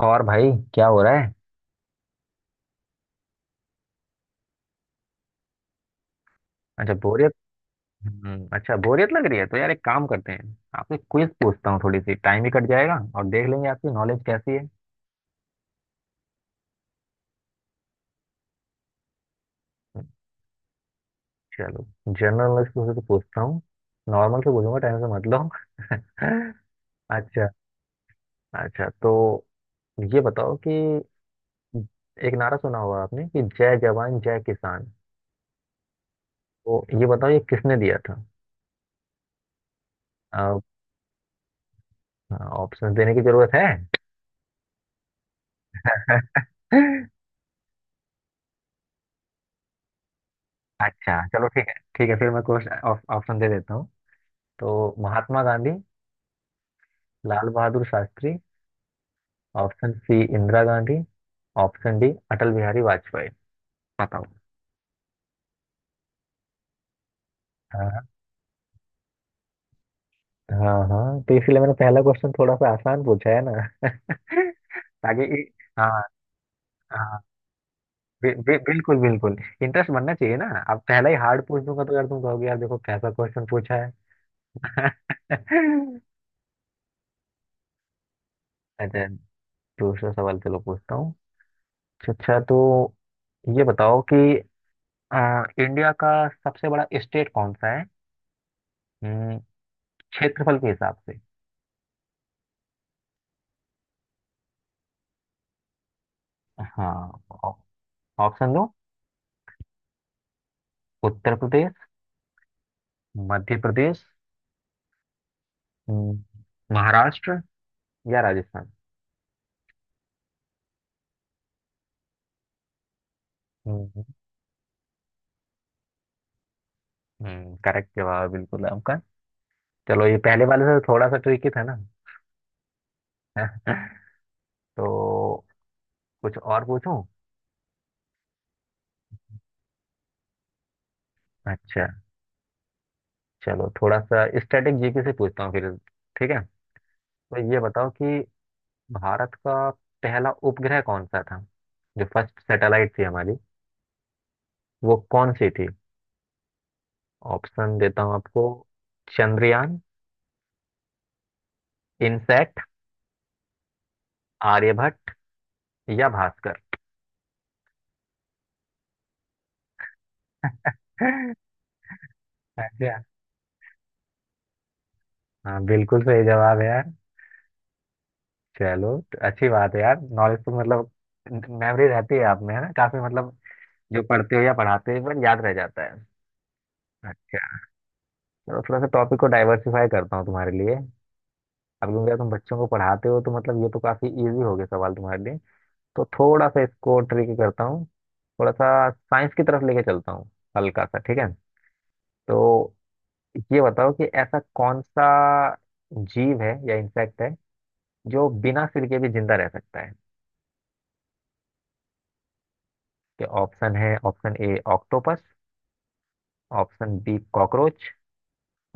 और भाई क्या हो रहा है? अच्छा, बोरियत। अच्छा बोरियत लग रही है तो यार एक काम करते हैं, आपसे क्विज पूछता हूँ, थोड़ी सी टाइम भी कट जाएगा और देख लेंगे आपकी नॉलेज कैसी है। चलो जनरल नॉलेज से तो पूछता हूँ, नॉर्मल से पूछूंगा, टाइम से मत लो। अच्छा अच्छा, तो ये बताओ कि एक नारा सुना होगा आपने कि जय जवान जय किसान, तो ये बताओ ये किसने दिया था? ऑप्शन देने की जरूरत है? अच्छा चलो ठीक है ठीक है, फिर मैं कुछ ऑप्शन दे देता हूँ। तो Mahatma Gandhi, Lal Bahadur Shastri, option C Indira Gandhi, option D Atal Bihari Vajpayee, बताओ। हाँ। हाँ हाँ, तो इसलिए मैंने पहला क्वेश्चन थोड़ा सा आसान पूछा है ना। ताकि इ- हाँ। हाँ, बि, बि, बिल्कुल बिल्कुल। इंटरेस्ट बनना चाहिए ना। अब पहला ही हार्ड पूछ दूंगा तो यार तुम कहोगे यार देखो कैसा क्वेश्चन पूछा है। अच्छा, दूसरा सवाल चलो पूछता हूँ। अच्छा अच्छा, तो ये बताओ कि इंडिया का सबसे बड़ा स्टेट कौन सा है? हम्म, क्षेत्रफल के हिसाब से। हाँ। ऑप्शन दो। उत्तर प्रदेश, मध्य प्रदेश, हम्म, महाराष्ट्र या राजस्थान। हम्म करेक्ट जवाब बिल्कुल आपका। चलो ये पहले वाले से थोड़ा सा ट्रिकी था ना। तो कुछ और पूछूं? अच्छा, चलो थोड़ा सा स्टैटिक जीके से पूछता हूँ फिर। ठीक है। तो ये बताओ कि भारत का पहला उपग्रह कौन सा था, जो फर्स्ट सैटेलाइट थी हमारी वो कौन सी थी? ऑप्शन देता हूँ आपको। चंद्रयान, इनसैट, आर्यभट्ट या भास्कर। अच्छा। हाँ बिल्कुल सही जवाब है यार। चलो तो अच्छी बात है यार, नॉलेज तो मतलब मेमोरी रहती है आप में, है ना? काफी मतलब जो पढ़ते हो या पढ़ाते हो बट याद रह जाता है। अच्छा। चलो थोड़ा सा टॉपिक को डाइवर्सिफाई करता हूँ तुम्हारे लिए। अब क्योंकि तुम बच्चों को पढ़ाते हो तो मतलब ये तो काफी इजी हो गए सवाल तुम्हारे लिए, तो थोड़ा सा इसको ट्रिक करता हूँ, थोड़ा सा साइंस की तरफ लेके चलता हूँ, हल्का सा। ठीक है। तो ये बताओ कि ऐसा कौन सा जीव है या इंसेक्ट है जो बिना सिर के भी जिंदा रह सकता है? कि ऑप्शन है, option A octopus, option B cockroach,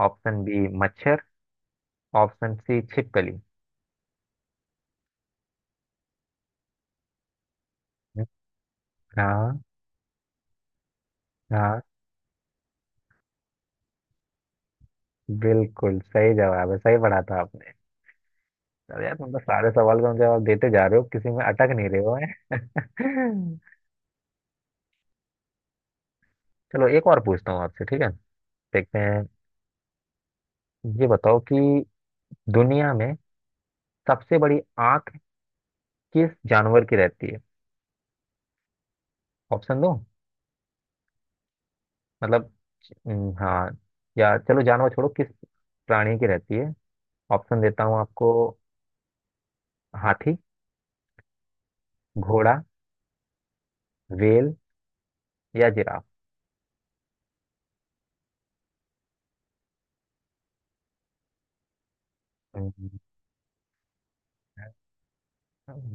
option B मच्छर, ऑप्शन सी छिपकली। हाँ हाँ, बिल्कुल सही जवाब है, सही पढ़ा था आपने। चलो यार, तुम तो सारे सवाल का जवाब देते जा रहे हो, किसी में अटक नहीं रहे हो। हैं। चलो एक और पूछता हूँ आपसे, ठीक है, देखते हैं। ये बताओ कि दुनिया में सबसे बड़ी आंख किस जानवर की रहती है? ऑप्शन दो। मतलब, हाँ, या चलो जानवर छोड़ो, किस प्राणी की रहती है। ऑप्शन देता हूँ आपको। हाथी, घोड़ा, व्हेल या जिराफ। हम्म,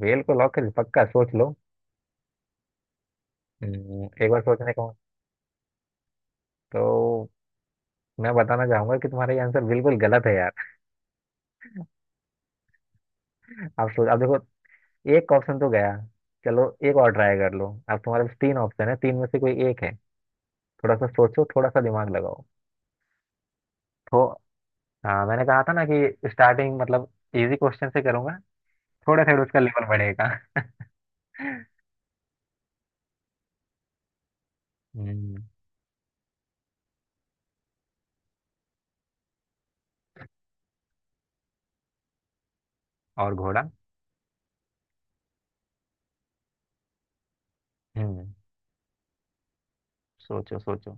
व्हेल को लॉक कर, पक्का सोच लो। एक बार सोचने का। तो मैं बताना चाहूंगा कि तुम्हारा ये आंसर बिल्कुल गलत है यार। आप सोच, अब देखो एक ऑप्शन तो गया, चलो एक और ट्राई कर लो, अब तुम्हारे पास 3 ऑप्शन है, तीन में से कोई एक है। थोड़ा सा सोचो, थोड़ा सा दिमाग लगाओ। तो हाँ मैंने कहा था ना कि स्टार्टिंग मतलब इजी क्वेश्चन से करूंगा, थोड़ा थोड़ा उसका लेवल बढ़ेगा। हम्म, और घोड़ा। हम्म, सोचो सोचो।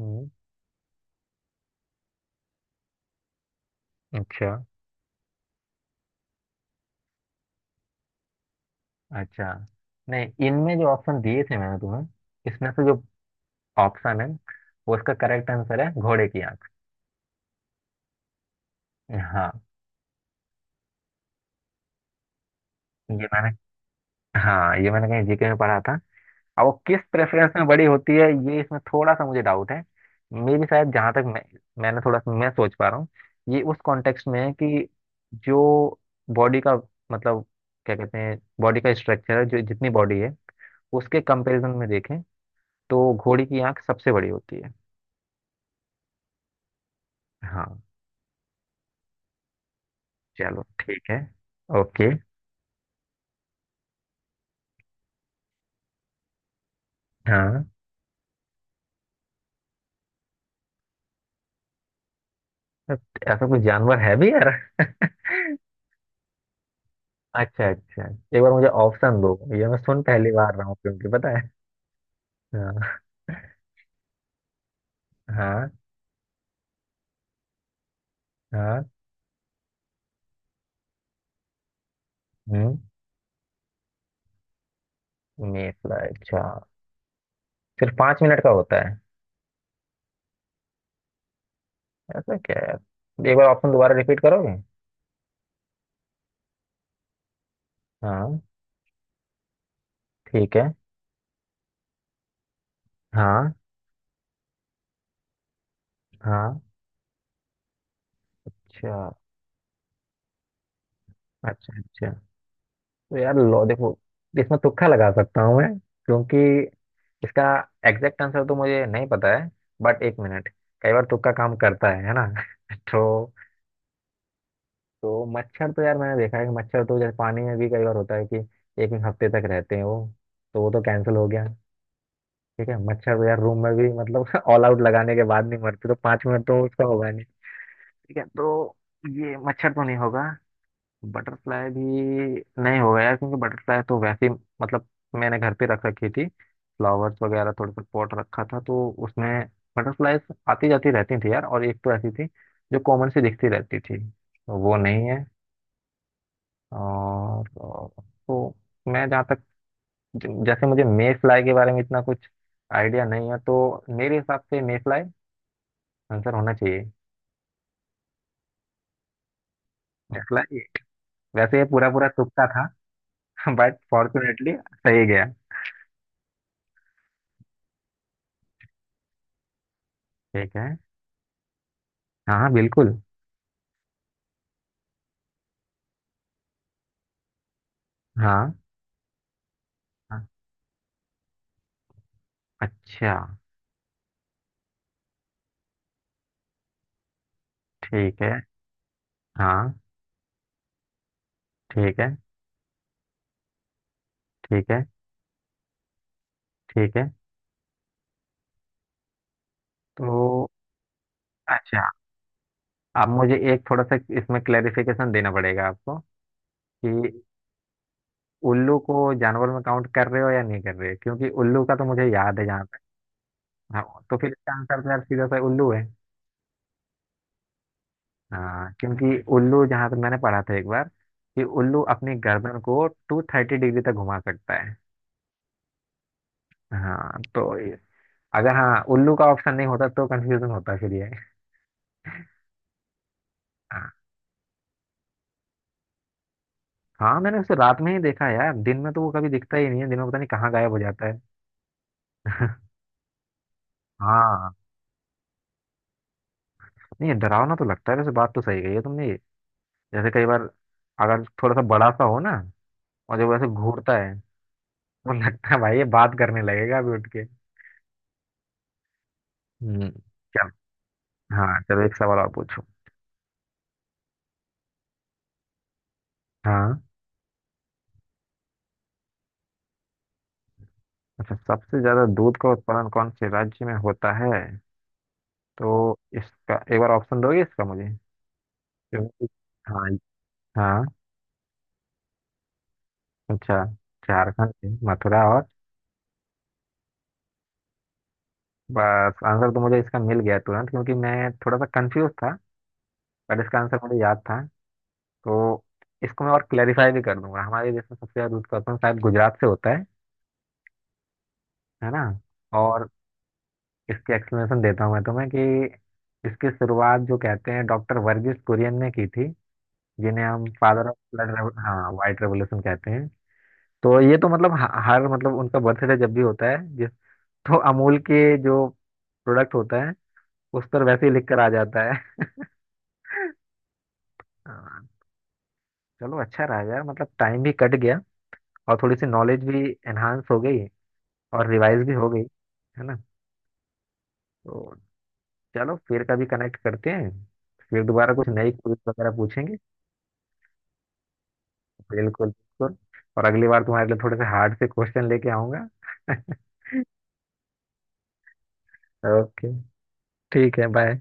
हम्म। अच्छा अच्छा, नहीं इनमें जो ऑप्शन दिए थे मैंने तुम्हें, इसमें से जो ऑप्शन है वो उसका करेक्ट आंसर है, घोड़े की आंख। हाँ ये मैंने हाँ ये मैंने कहीं जीके में पढ़ा था। अब वो किस प्रेफरेंस में बड़ी होती है ये इसमें थोड़ा सा मुझे डाउट है। मेरी शायद जहाँ तक मैं, मैंने थोड़ा सा मैं सोच पा रहा हूँ, ये उस कॉन्टेक्स्ट में है कि जो बॉडी का मतलब क्या कहते हैं बॉडी का स्ट्रक्चर है, जो जितनी बॉडी है उसके कंपैरिजन में देखें तो घोड़ी की आंख सबसे बड़ी होती है। हाँ। चलो ठीक है। ओके। हाँ। ऐसा कोई जानवर है भी यार? अच्छा अच्छा, एक बार मुझे ऑप्शन दो, ये मैं सुन पहली बार रहा हूँ, क्योंकि पता है। हाँ हाँ। हाँ। हम्म। मेफला, अच्छा, सिर्फ 5 मिनट का होता है? ऐसा क्या है यार? एक बार ऑप्शन दोबारा रिपीट करोगे? हाँ। ठीक है। हाँ। हाँ। अच्छा अच्छा। अच्छा, तो यार लो देखो, इसमें तुक्का लगा सकता हूँ मैं, क्योंकि इसका एग्जैक्ट आंसर तो मुझे नहीं पता है, बट एक मिनट, कई बार तुक्का काम करता है ना। तो तो मच्छर तो यार मैंने देखा है कि मच्छर तो जैसे पानी में भी कई बार होता है कि एक एक हफ्ते तक रहते हैं वो, तो वो तो कैंसिल हो गया। ठीक है, मच्छर तो यार रूम में भी मतलब ऑल आउट लगाने के बाद नहीं मरते, तो 5 मिनट तो उसका होगा नहीं। ठीक है। तो ये मच्छर तो नहीं होगा, बटरफ्लाई भी नहीं होगा यार, क्योंकि बटरफ्लाई तो वैसे ही मतलब मैंने घर पे रख रखी थी, फ्लावर्स वगैरह थोड़े से पॉट रखा था, तो उसमें बटरफ्लाई आती जाती रहती थी यार, और एक तो ऐसी थी जो कॉमन सी दिखती रहती थी, तो वो नहीं है। और और- तो मैं जहाँ तक, जैसे मुझे मे फ्लाई के बारे में इतना कुछ आइडिया नहीं है, तो मेरे हिसाब से मे फ्लाई आंसर होना चाहिए। बटरफ्लाई, वैसे ये पूरा पूरा तुक्का था। बट फॉर्चुनेटली सही गया। ठीक है। हाँ हाँ बिल्कुल। हाँ हाँ, अच्छा ठीक है। हाँ। ठीक है। ठीक है। ठीक है, तो अच्छा अब मुझे एक थोड़ा सा इसमें क्लेरिफिकेशन देना पड़ेगा आपको कि उल्लू को जानवर में काउंट कर रहे हो या नहीं कर रहे हो, क्योंकि उल्लू का तो मुझे याद है जहाँ तक। हाँ, तो फिर इसका आंसर तो यार सीधा सा उल्लू है। हाँ, क्योंकि उल्लू जहाँ तक मैंने पढ़ा था एक बार कि उल्लू अपनी गर्दन को 230 डिग्री तक घुमा सकता है। हाँ तो अगर हाँ उल्लू का ऑप्शन नहीं होता तो कंफ्यूजन होता फिर ये। हाँ मैंने उसे रात में ही देखा है यार, दिन में तो वो कभी दिखता ही नहीं है, दिन में पता नहीं कहाँ गायब हो जाता है। हाँ नहीं डरावना तो लगता है, वैसे बात तो सही कही है तुमने, जैसे कई बार अगर थोड़ा सा बड़ा सा हो ना और जब वैसे घूरता है तो लगता है भाई ये बात करने लगेगा अभी उठ के। हम्म। चल, हाँ चलो एक सवाल और पूछो। हाँ। अच्छा, सबसे ज्यादा दूध का उत्पादन कौन से राज्य में होता है? तो इसका एक बार ऑप्शन दोगे इसका मुझे क्योंकि- हाँ। हाँ। अच्छा, झारखंड में मथुरा और बस आंसर तो मुझे इसका मिल गया तुरंत, क्योंकि मैं थोड़ा सा कंफ्यूज था, पर इसका आंसर मुझे याद था। तो इसको मैं और क्लेरिफाई भी कर दूंगा, हमारे देश में सबसे ज्यादा दूध का उत्पादन शायद गुजरात से होता है ना? और इसकी एक्सप्लेनेशन देता हूँ मैं तुम्हें कि इसकी शुरुआत जो कहते हैं डॉक्टर वर्गीस कुरियन ने की थी, जिन्हें हम फादर ऑफ ब्लड हाँ वाइट रेवोल्यूशन कहते हैं। तो ये तो मतलब हर मतलब उनका बर्थडे जब भी होता है जिस, तो अमूल के जो प्रोडक्ट होता है उस पर वैसे ही लिख कर आ जाता है। चलो अच्छा रहा यार, मतलब टाइम भी कट गया और थोड़ी सी नॉलेज भी एनहांस हो गई और रिवाइज भी हो गई, है ना? तो चलो फिर कभी कनेक्ट करते हैं, फिर दोबारा कुछ नई क्विज वगैरह पूछेंगे। बिल्कुल बिल्कुल, और अगली बार तुम्हारे लिए थोड़े से हार्ड से क्वेश्चन लेके आऊंगा। ओके, ठीक है, बाय।